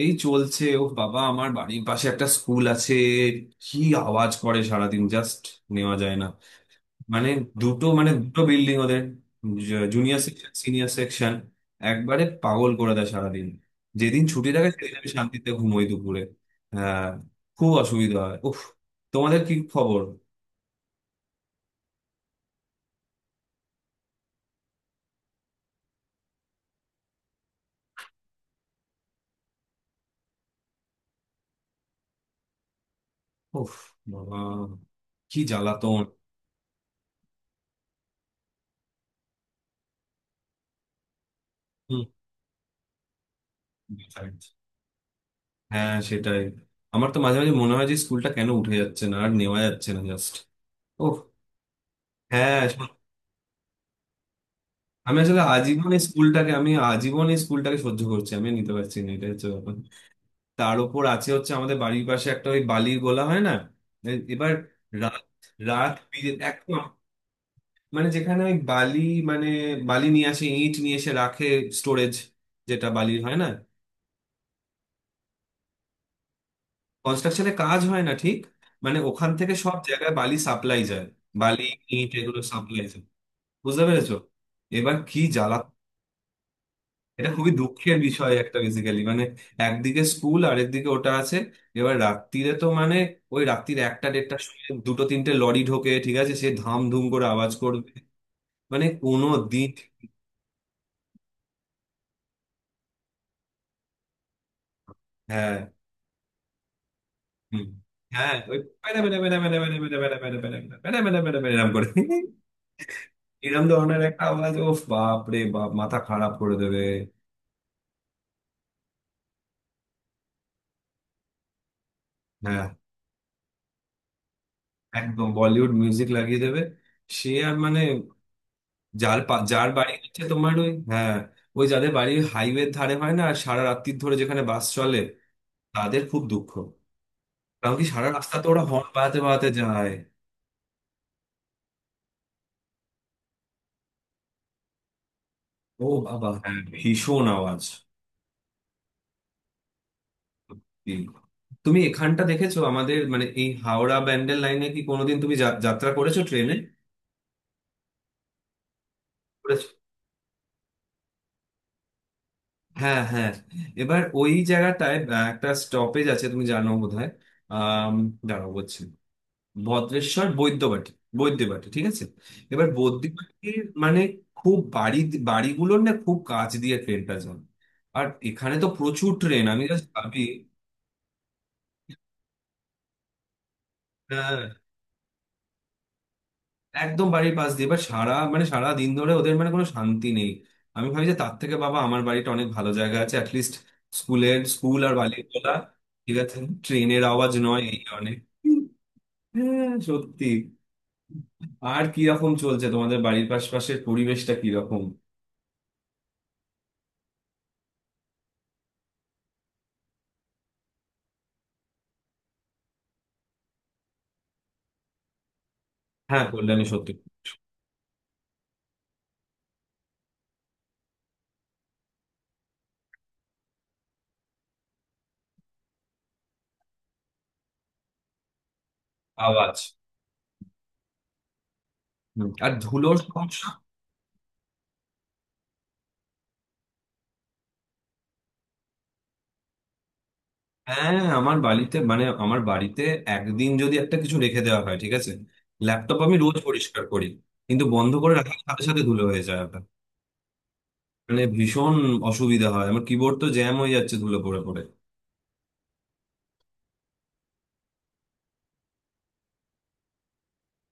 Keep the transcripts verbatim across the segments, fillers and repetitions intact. এই চলছে। ও বাবা, আমার বাড়ির পাশে একটা স্কুল আছে। কি আওয়াজ করে সারাদিন! জাস্ট নেওয়া যায় না। মানে দুটো মানে দুটো বিল্ডিং ওদের, জুনিয়র সেকশন, সিনিয়র সেকশন। একবারে পাগল করে দেয় সারাদিন। যেদিন ছুটি থাকে সেদিন আমি শান্তিতে ঘুমোই দুপুরে। হ্যাঁ, খুব অসুবিধা হয়। উফ! তোমাদের কি খবর? উফ বাবা, কি জ্বালাতন! হুম। হ্যাঁ সেটাই। আমার তো মাঝে মাঝে মনে হয় যে স্কুলটা কেন উঠে যাচ্ছে না, আর নেওয়া যাচ্ছে না জাস্ট। হ্যাঁ স- আমি আসলে আজীবন এই স্কুলটাকে আমি আজীবন এই স্কুলটাকে সহ্য করছি। আমি নিতে পারছি না, এটা হচ্ছে ব্যাপার। তার উপর আছে হচ্ছে আমাদের বাড়ির পাশে একটা ওই বালির গোলা হয় না। এ- এবার রাত রাত বিরে- একদম। মানে যেখানে ওই বালি, মানে বালি নিয়ে আসে, ইট নিয়ে এসে রাখে। স্টোরেজ, যেটা বালির হয় না। কনস্ট্রাকশনে কাজ হয় না ঠিক। মানে ওখান থেকে সব জায়গায় বালি সাপ্লাই যায়। বালি, ইট এগুলো সাপ্লাই যায়। বুঝতে পেরেছো? এবার কি জ্বালা! এটা খুবই দুঃখের বিষয় একটা, বেসিক্যালি, মানে একদিকে স্কুল আর একদিকে ওটা আছে। এবার রাত্রিরে তো মানে, ওই রাত্রির একটা দেড়টার সময় দুটো তিনটে লরি ঢোকে, ঠিক আছে, সে ধাম ধুম করে আওয়াজ করবে। মানে কোনো দিন। হ্যাঁ। হুম। হ্যাঁ, ওই প্যারা প্যারা প্যারা প্যারা প্যারা প্যারা প্যারা প্যারা প্যারা প্যারা প্যারা প্যারা এরম করে। এরম ধরনের একটা আওয়াজ। ও বাপ রে বাপ, মাথা খারাপ করে দেবে। হ্যাঁ, একদম বলিউড মিউজিক লাগিয়ে দেবে। সে আর মানে, যার পা- যার বাড়ি হচ্ছে তোমার ওই, হ্যাঁ। ওই যাদের বাড়ি হাইওয়ের ধারে হয় না আর সারা রাত্রির ধরে যেখানে বাস চলে, তাদের খুব দুঃখ। কারণ কি, সারা রাস্তা তো ওরা হর্ন বাজাতে বাজাতে যায়। ও বাবা, হ্যাঁ, ভীষণ আওয়াজ। সত্যি। তুমি এখানটা দেখেছো আমাদের, মানে এই হাওড়া ব্যান্ডেল লাইনে কি কোনোদিন তুমি যা- যাত্রা করেছো ট্রেনে? করেছো? হ্যাঁ হ্যাঁ। এবার ওই জায়গাটায় আহ, একটা স্টপেজ আছে, তুমি জানো বোধহয়। আহ দাঁড়াও বলছি। ভদ্রেশ্বর, বৈদ্যবাটী। বৈদ্যবাটী, ঠিক আছে। এবার হুম। বৈদ্যবাটীর মানে, খুব বাড়ি, বাড়িগুলোর না খুব কাছ দিয়ে ট্রেনটা যায়। আর এখানে তো প্রচুর ট্রেন। আমি জাস্ট ভাবি। হ্যাঁ, একদম বাড়ির পাশ দিয়ে। এবার সারা মানে সারা দিন ধরে ওদের মানে কোনো শান্তি নেই। আমি ভাবি যে তার থেকে বাবা আমার বাড়িটা অনেক ভালো জায়গা আছে অ্যাটলিস্ট। স্কুলের স্কুল আর বালির তোলা ঠিক আছে, ট্রেনের আওয়াজ নয়, এই অনেক। হ্যাঁ সত্যি। আর কিরকম চলছে তোমাদের বাড়ির পাশপাশের পরিবেশটা, কিরকম? হ্যাঁ, কল্যাণী সত্যি। আওয়াজ। হুম, আর ধুলোর সমস্যা। হ্যাঁ, আমার বাড়িতে মানে আমার বাড়িতে একদিন যদি একটা কিছু রেখে দেওয়া হয় ঠিক আছে। ল্যাপটপ আমি রোজ পরিষ্কার করি। কিন্তু বন্ধ করে রাখার সাথে সাথে ধুলো হয়ে যায় ওটা। মানে ভীষণ অসুবিধা হয়। আমার কিবোর্ড তো জ্যাম হয়ে যাচ্ছে ধুলো পড়ে পড়ে।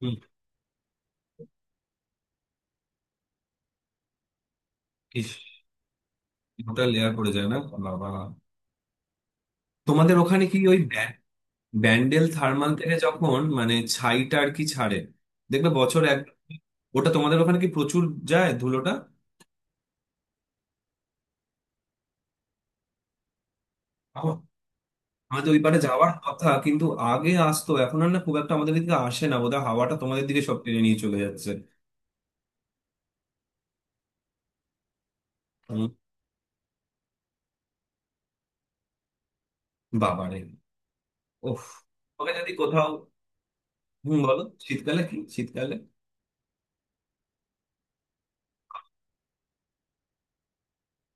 হুম। ইস, ওটা লেয়ার পড়ে যায় না? বাবা! তোমাদের ওখানে কি ওই ব্যা- ব্যান্ডেল থার্মাল থেকে যখন মানে ছাইটা আর কি ছাড়ে, দেখবে বছর এক। ওটা তোমাদের ওখানে কি প্রচুর যায় ধুলোটা? আমাদের ওই পারে যাওয়ার কথা কিন্তু, আগে আসতো, এখন আর না, খুব একটা আমাদের দিকে আসে না বোধহয়, হাওয়াটা তোমাদের দিকে সব টেনে নিয়ে চলে যাচ্ছে। উম, বাবারে, ওহ। ওকে যদি কোথাও, হম বলো, শীতকালে কি, শীতকালে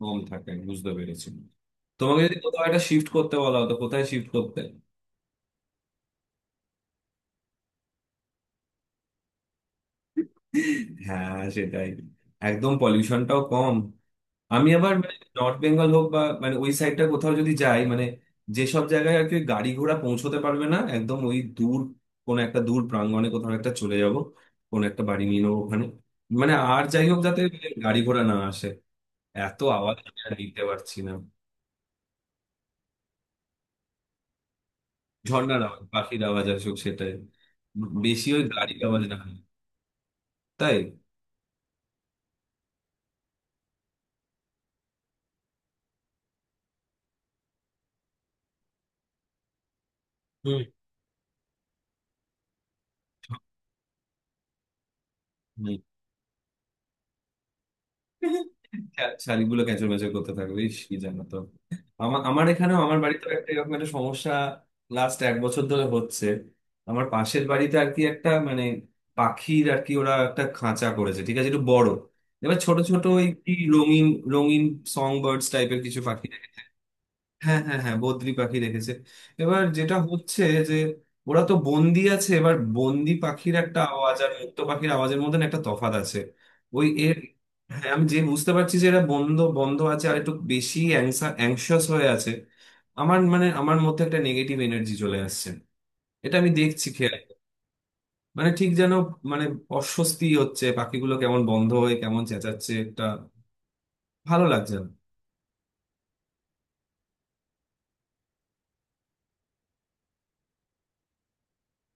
কম থাকে বুঝতে পেরেছি। তোমাকে যদি কোথাও একটা শিফট করতে বলা হতো, কোথায় শিফট করতে? হ্যাঁ সেটাই, একদম পলিউশনটাও কম। আমি আবার মানে নর্থ বেঙ্গল হোক বা মানে ওই সাইডটা কোথাও যদি যাই মানে, যেসব জায়গায় আর কি ওই গাড়ি ঘোড়া পৌঁছতে পারবে না একদম, ওই দূর। কোন একটা দূর প্রাঙ্গণে কোথাও একটা চলে যাব। কোন একটা বাড়ি নিয়ে নেবো ওখানে। মানে আর যাই হোক, যাতে মানে গাড়ি ঘোড়া না আসে। এত আওয়াজ আমি আর নিতে পারছি না। ঝর্ণার আওয়াজ পাখির আওয়াজ আসুক সেটাই, বেশি ওই গাড়ির আওয়াজ না হয়। তাই? হুম। হম। শাড়িগুলো ক্যাঁচড় ম্যাচড় করতে থাকবে, ইস, কি জানো তো। আমার আমার এখানেও, আমার বাড়িতে একটা এরকম একটা সমস্যা লাস্ট এক বছর ধরে হচ্ছে। আমার পাশের বাড়িতে আর কি একটা, মানে পাখির আর কি, ওরা একটা খাঁচা করেছে ঠিক আছে, একটু বড়। এবার ছোট ছোট ওই কি রঙিন, রঙিন সং বার্ডস টাইপের কিছু পাখি। হ্যাঁ হ্যাঁ হ্যাঁ, বদ্রি পাখি দেখেছে। এবার যেটা হচ্ছে যে, ওরা তো বন্দি আছে। এবার বন্দি পাখির একটা আওয়াজ আর মুক্ত পাখির আওয়াজের মধ্যে না একটা তফাৎ আছে। ওই এর, হ্যাঁ, আমি যে বুঝতে পারছি যে এরা বন্ধ বন্ধ আছে আর একটু বেশি অ্যাংশাস হয়ে আছে। আমার মানে আমার মধ্যে একটা নেগেটিভ এনার্জি চলে আসছে, এটা আমি দেখছি খেয়াল করে। মানে ঠিক যেন মানে অস্বস্তি হচ্ছে, পাখিগুলো কেমন বন্ধ হয়ে কেমন চেঁচাচ্ছে একটা, ভালো লাগছে না।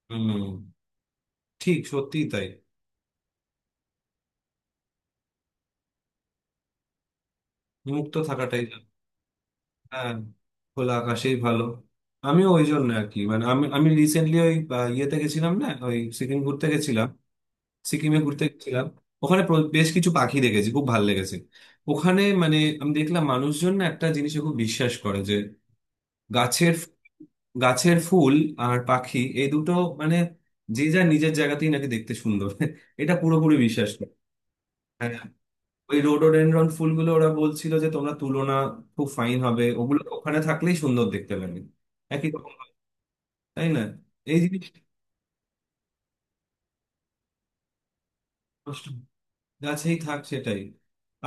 হম, ঠিক সত্যিই তাই। মুক্ত থাকাটাই। হ্যাঁ, খোলা আকাশেই ভালো। আমিও ওই জন্য আর কি, মানে আমি আমি রিসেন্টলি ওই আহ, ইয়েতে গেছিলাম না, ওই সিকিম ঘুরতে গেছিলাম। সিকিমে ঘুরতে গেছিলাম। ওখানে প্র- বেশ কিছু পাখি দেখেছি, খুব ভালো লেগেছে। ওখানে মানে আমি দেখলাম মানুষজন না একটা জিনিসে খুব বিশ্বাস করে যে, গাছের গাছের ফুল আর পাখি, এই দুটো মানে যে যার নিজের জায়গাতেই নাকি দেখতে সুন্দর। এটা পুরোপুরি বিশ্বাস করে। হ্যাঁ। ওই রোডোডেনড্রন ফুলগুলো ওরা বলছিল যে তোমরা তুলো না, খুব ফাইন হবে, ওগুলো ওখানে থাকলেই সুন্দর দেখতে লাগে। একই রকম হয়, তাই না? এই জিনিসটা নষ্ট হয়। গাছেই থাক সেটাই।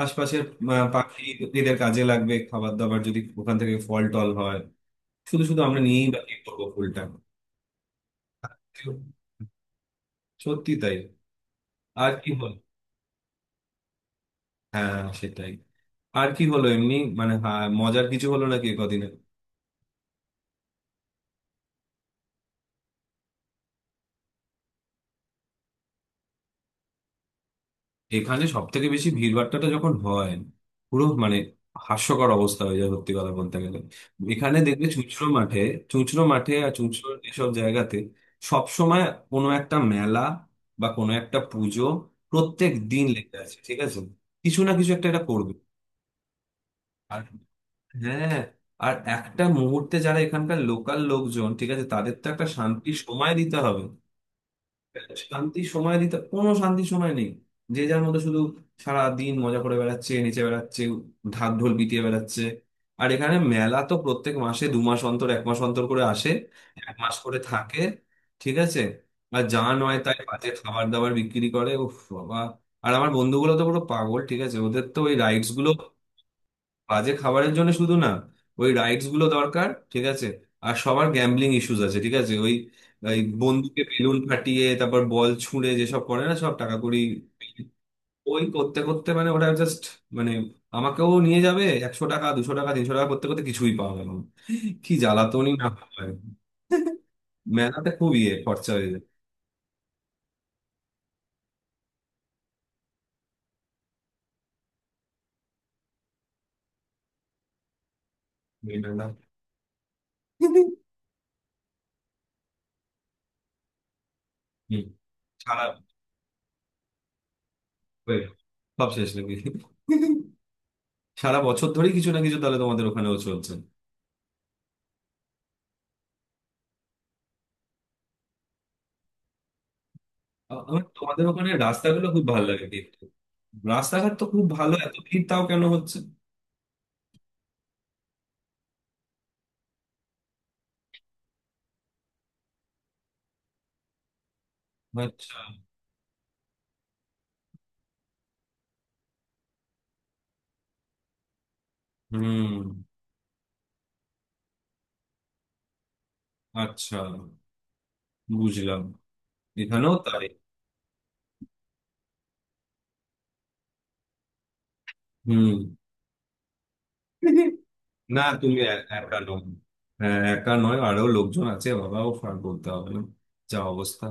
আশপাশের আহ, পাখি, এদের কাজে লাগবে, খাবার দাবার যদি ওখান থেকে ফল টল হয়। শুধু শুধু আমরা নিয়েই বা কি করবো ফুলটা? সত্যি তাই। আর কি হলো? হ্যাঁ সেটাই। আর কি হলো এমনি, মানে হ্যাঁ, মজার কিছু হলো নাকি কদিনে? এখানে সব থেকে বেশি ভিড়ভাট্টাটা যখন হয়, পুরো মানে হাস্যকর অবস্থা হয়ে যায় সত্যি কথা বলতে গেলে। এখানে দেখবে চুঁচড়ো মাঠে, চুঁচড়ো মাঠে আর চুঁচড়ো এসব জায়গাতে সব সময় কোনো একটা মেলা বা কোনো একটা পুজো প্রত্যেক দিন লেগে আছে, ঠিক আছে। কিছু না কিছু একটা এটা করবে। আর, হ্যাঁ, আর একটা মুহূর্তে যারা এখানকার লোকাল লোকজন, ঠিক আছে, তাদের তো একটা শান্তির সময় দিতে হবে। শান্তি সময় দিতে, কোনো শান্তি সময় নেই। যে যার মধ্যে শুধু সারা দিন মজা করে বেড়াচ্ছে, নেচে বেড়াচ্ছে, ঢাক ঢোল পিটিয়ে বেড়াচ্ছে। আর এখানে মেলা তো প্রত্যেক মাসে, দু মাস অন্তর, এক মাস অন্তর করে আসে। এক মাস করে থাকে, ঠিক আছে। আর যা নয় তাই বাজে খাবার দাবার বিক্রি করে। উফ বাবা! আর আমার বন্ধুগুলো তো পুরো পাগল, ঠিক আছে, ওদের তো ওই রাইডস গুলো, বাজে খাবারের জন্য শুধু না, ওই রাইটস গুলো দরকার ঠিক আছে। আর সবার গ্যাম্বলিং ইস্যুস আছে, ঠিক আছে, ওই, ওই বন্দুকে বেলুন ফাটিয়ে তারপর বল ছুঁড়ে যেসব করে না, সব টাকা কড়ি। ওই করতে করতে মানে ওটা জাস্ট মানে আমাকেও নিয়ে যাবে, একশো টাকা, দুশো টাকা, তিনশো টাকা করতে করতে কিছুই পাওয়া গেল না। কি জ্বালাতনই না হয়! মেলাতে খুব ইয়ে খরচা হয়ে যায়। এই মেলা। হুম, সারা, ওই, সব শেষ নাকি? সারা বছর ধরেই কিছু না কিছু তাহলে তোমাদের ওখানেও চলছে। আমার, তোমাদের ওখানে রাস্তাগুলো খুব ভালো লাগে দেখতে। রাস্তাঘাট তো খুব ভালো, এত ভিড় তাও কেন হচ্ছে? আচ্ছা। হুম। আচ্ছা, বুঝলাম। এখানেও তাই। হুম। না, তুমি এ- একা নও। হ্যাঁ, একা নয়, আরো লোকজন আছে বাবা, ও ফার বলতে হবে না, যা অবস্থা।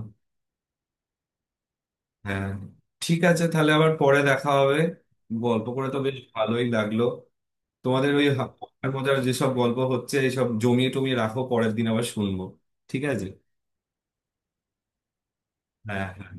হ্যাঁ, ঠিক আছে, তাহলে আবার পরে দেখা হবে। গল্প করে তো বেশ ভালোই লাগলো। তোমাদের ওই হা- মজার মজার যেসব গল্প হচ্ছে এইসব জমিয়ে টমিয়ে রাখো, পরের দিন আবার শুনবো। ঠিক আছে, হ্যাঁ হ্যাঁ।